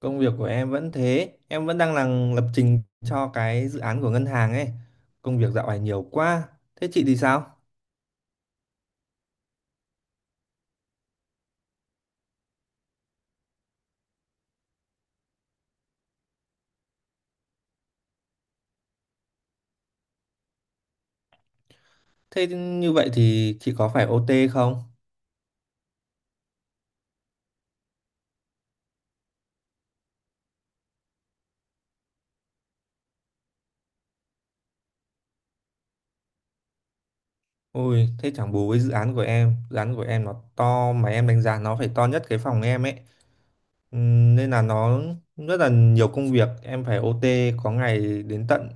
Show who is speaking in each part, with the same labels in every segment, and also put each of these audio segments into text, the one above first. Speaker 1: Công việc của em vẫn thế, em vẫn đang làm lập trình cho cái dự án của ngân hàng ấy. Công việc dạo này nhiều quá. Thế chị thì sao? Thế như vậy thì chị có phải OT không? Ôi, thế chẳng bù với dự án của em. Dự án của em nó to mà em đánh giá nó phải to nhất cái phòng em ấy. Nên là nó rất là nhiều công việc, em phải OT có ngày đến tận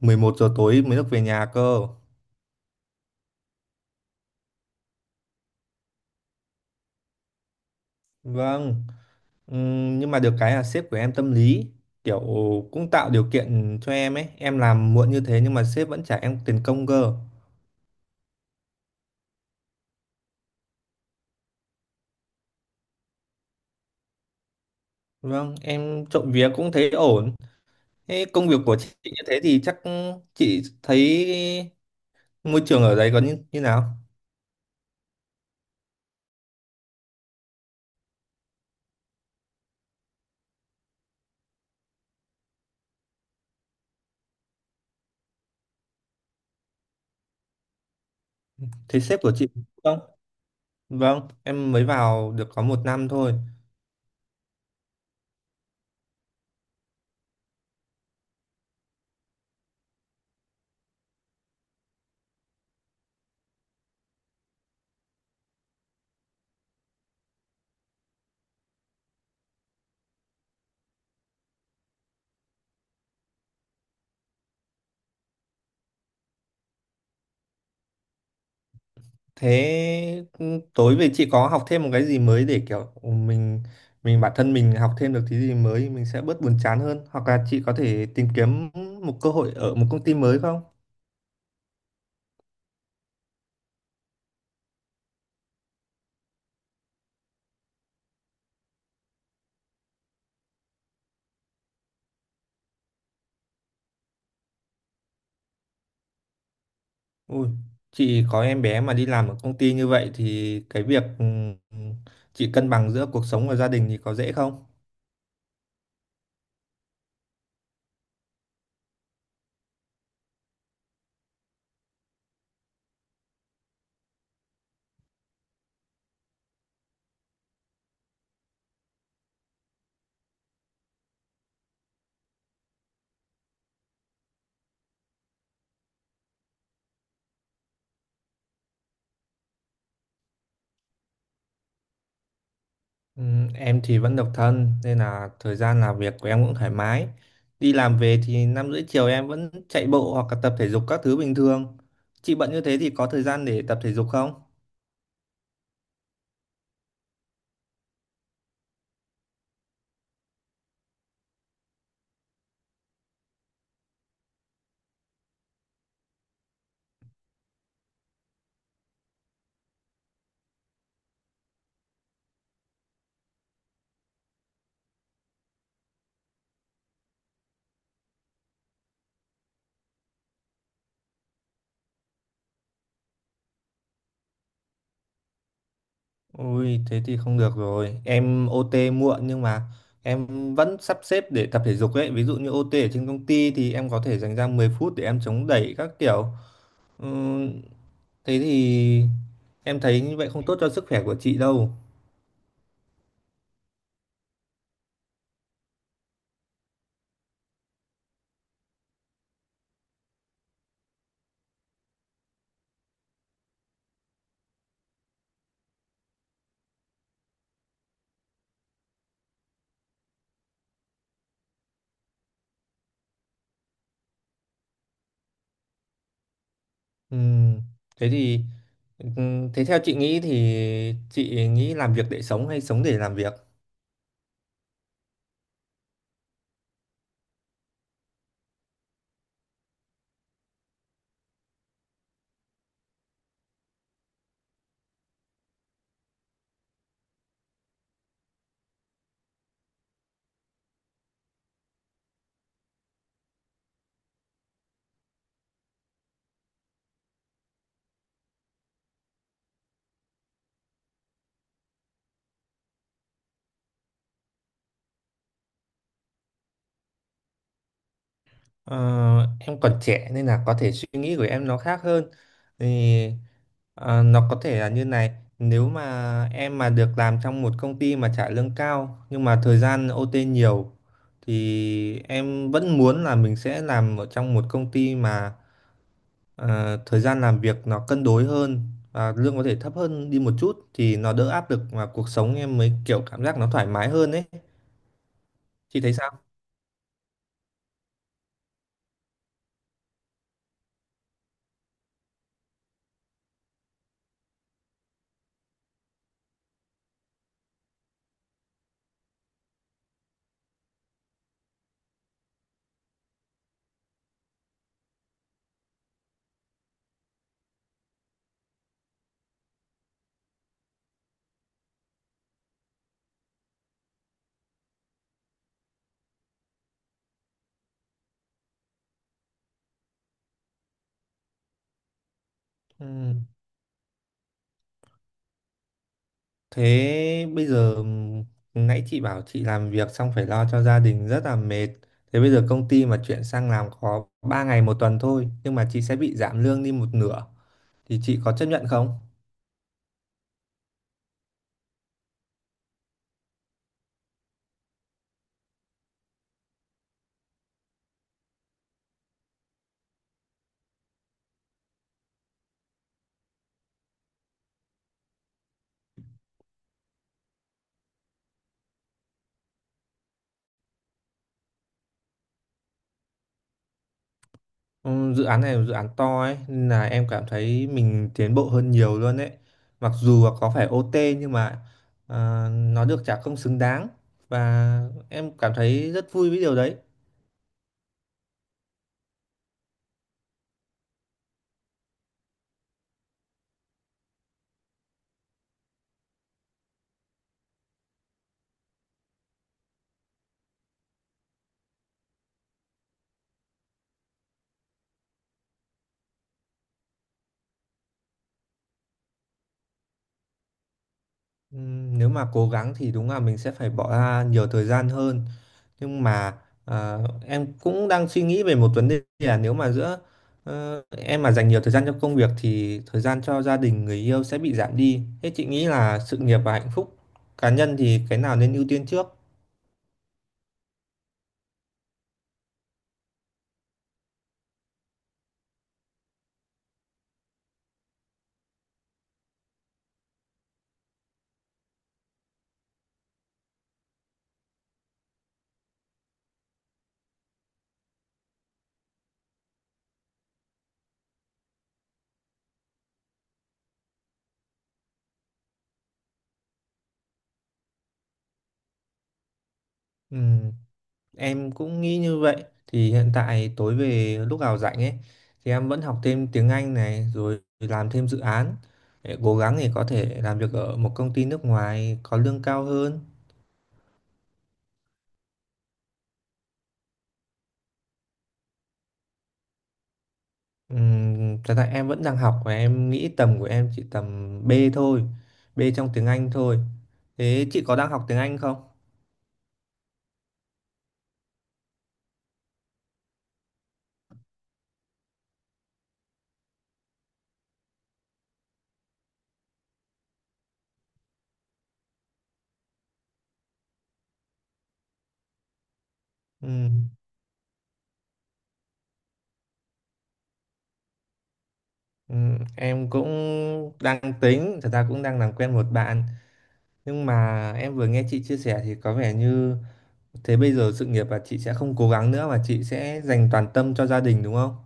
Speaker 1: 11 giờ tối mới được về nhà cơ. Vâng. Nhưng mà được cái là sếp của em tâm lý, kiểu, cũng tạo điều kiện cho em ấy, em làm muộn như thế nhưng mà sếp vẫn trả em tiền công cơ. Vâng, em trộm vía cũng thấy ổn. Thế công việc của chị như thế thì chắc chị thấy môi trường ở đấy có như nào? Thế sếp của chị, không, vâng em mới vào được có 1 năm thôi. Thế tối về chị có học thêm một cái gì mới để kiểu mình bản thân mình học thêm được thứ gì mới mình sẽ bớt buồn chán hơn, hoặc là chị có thể tìm kiếm một cơ hội ở một công ty mới không? Ui, chị có em bé mà đi làm ở công ty như vậy thì cái việc, ừ, chị cân bằng giữa cuộc sống và gia đình thì có dễ không? Em thì vẫn độc thân nên là thời gian làm việc của em cũng thoải mái. Đi làm về thì 5 rưỡi chiều em vẫn chạy bộ hoặc là tập thể dục các thứ bình thường. Chị bận như thế thì có thời gian để tập thể dục không? Ui, thế thì không được rồi. Em OT muộn nhưng mà em vẫn sắp xếp để tập thể dục ấy. Ví dụ như OT ở trên công ty thì em có thể dành ra 10 phút để em chống đẩy các kiểu. Ừm, thế thì Em thấy như vậy không tốt cho sức khỏe của chị đâu. Ừm, thế thì Thế theo chị nghĩ thì chị nghĩ làm việc để sống hay sống để làm việc? Ờ, em còn trẻ nên là có thể suy nghĩ của em nó khác hơn. Thì nó có thể là như này, nếu mà em mà được làm trong một công ty mà trả lương cao nhưng mà thời gian OT nhiều thì em vẫn muốn là mình sẽ làm ở trong một công ty mà thời gian làm việc nó cân đối hơn và lương có thể thấp hơn đi một chút, thì nó đỡ áp lực và cuộc sống em mới kiểu cảm giác nó thoải mái hơn ấy. Chị thấy sao? Ừm, thế bây giờ Nãy chị bảo chị làm việc xong phải lo cho gia đình rất là mệt, thế bây giờ công ty mà chuyển sang làm có 3 ngày 1 tuần thôi nhưng mà chị sẽ bị giảm lương đi một nửa thì chị có chấp nhận không? Dự án này là dự án to ấy nên là em cảm thấy mình tiến bộ hơn nhiều luôn ấy, mặc dù là có phải OT nhưng mà, nó được trả công xứng đáng và em cảm thấy rất vui với điều đấy. Nếu mà cố gắng thì đúng là mình sẽ phải bỏ ra nhiều thời gian hơn, nhưng mà à, em cũng đang suy nghĩ về một vấn đề là nếu mà giữa, em mà dành nhiều thời gian cho công việc thì thời gian cho gia đình người yêu sẽ bị giảm đi. Thế chị nghĩ là sự nghiệp và hạnh phúc cá nhân thì cái nào nên ưu tiên trước? Ừ, em cũng nghĩ như vậy. Thì hiện tại tối về lúc nào rảnh ấy thì em vẫn học thêm tiếng Anh này, rồi làm thêm dự án, để cố gắng để có thể làm việc ở một công ty nước ngoài có lương cao hơn. Thật ra em vẫn đang học và em nghĩ tầm của em chỉ tầm B thôi, B trong tiếng Anh thôi. Thế chị có đang học tiếng Anh không? Ừm, em cũng đang tính, thật ra cũng đang làm quen một bạn, nhưng mà em vừa nghe chị chia sẻ thì có vẻ như, thế bây giờ sự nghiệp là chị sẽ không cố gắng nữa mà chị sẽ dành toàn tâm cho gia đình đúng không?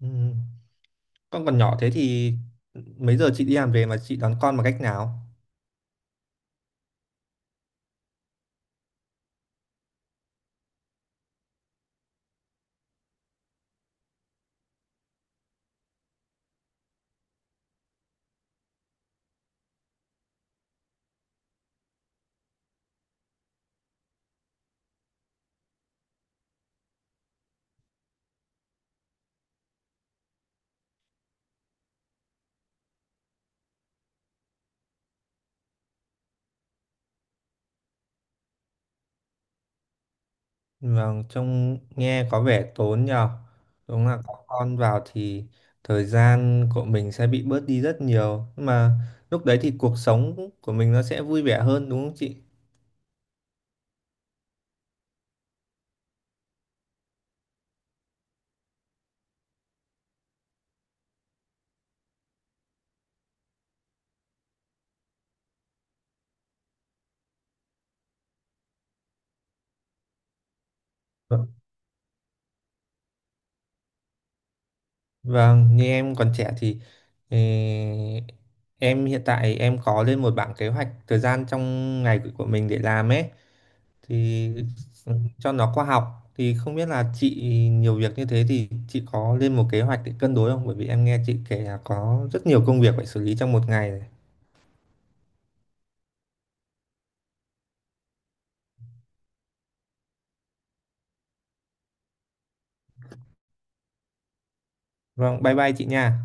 Speaker 1: Ừ. Con còn nhỏ thế thì mấy giờ chị đi làm về mà chị đón con bằng cách nào? Vâng, trông nghe có vẻ tốn nhờ. Đúng là có con vào thì thời gian của mình sẽ bị bớt đi rất nhiều. Nhưng mà lúc đấy thì cuộc sống của mình nó sẽ vui vẻ hơn đúng không chị? Vâng, như em còn trẻ thì, ờ, em hiện tại em có lên một bảng kế hoạch thời gian trong ngày của mình để làm ấy, thì ừ, cho nó khoa học, thì không biết là chị nhiều việc như thế thì chị có lên một kế hoạch để cân đối không? Bởi vì em nghe chị kể là có rất nhiều công việc phải xử lý trong một ngày này. Vâng, bye bye chị nha.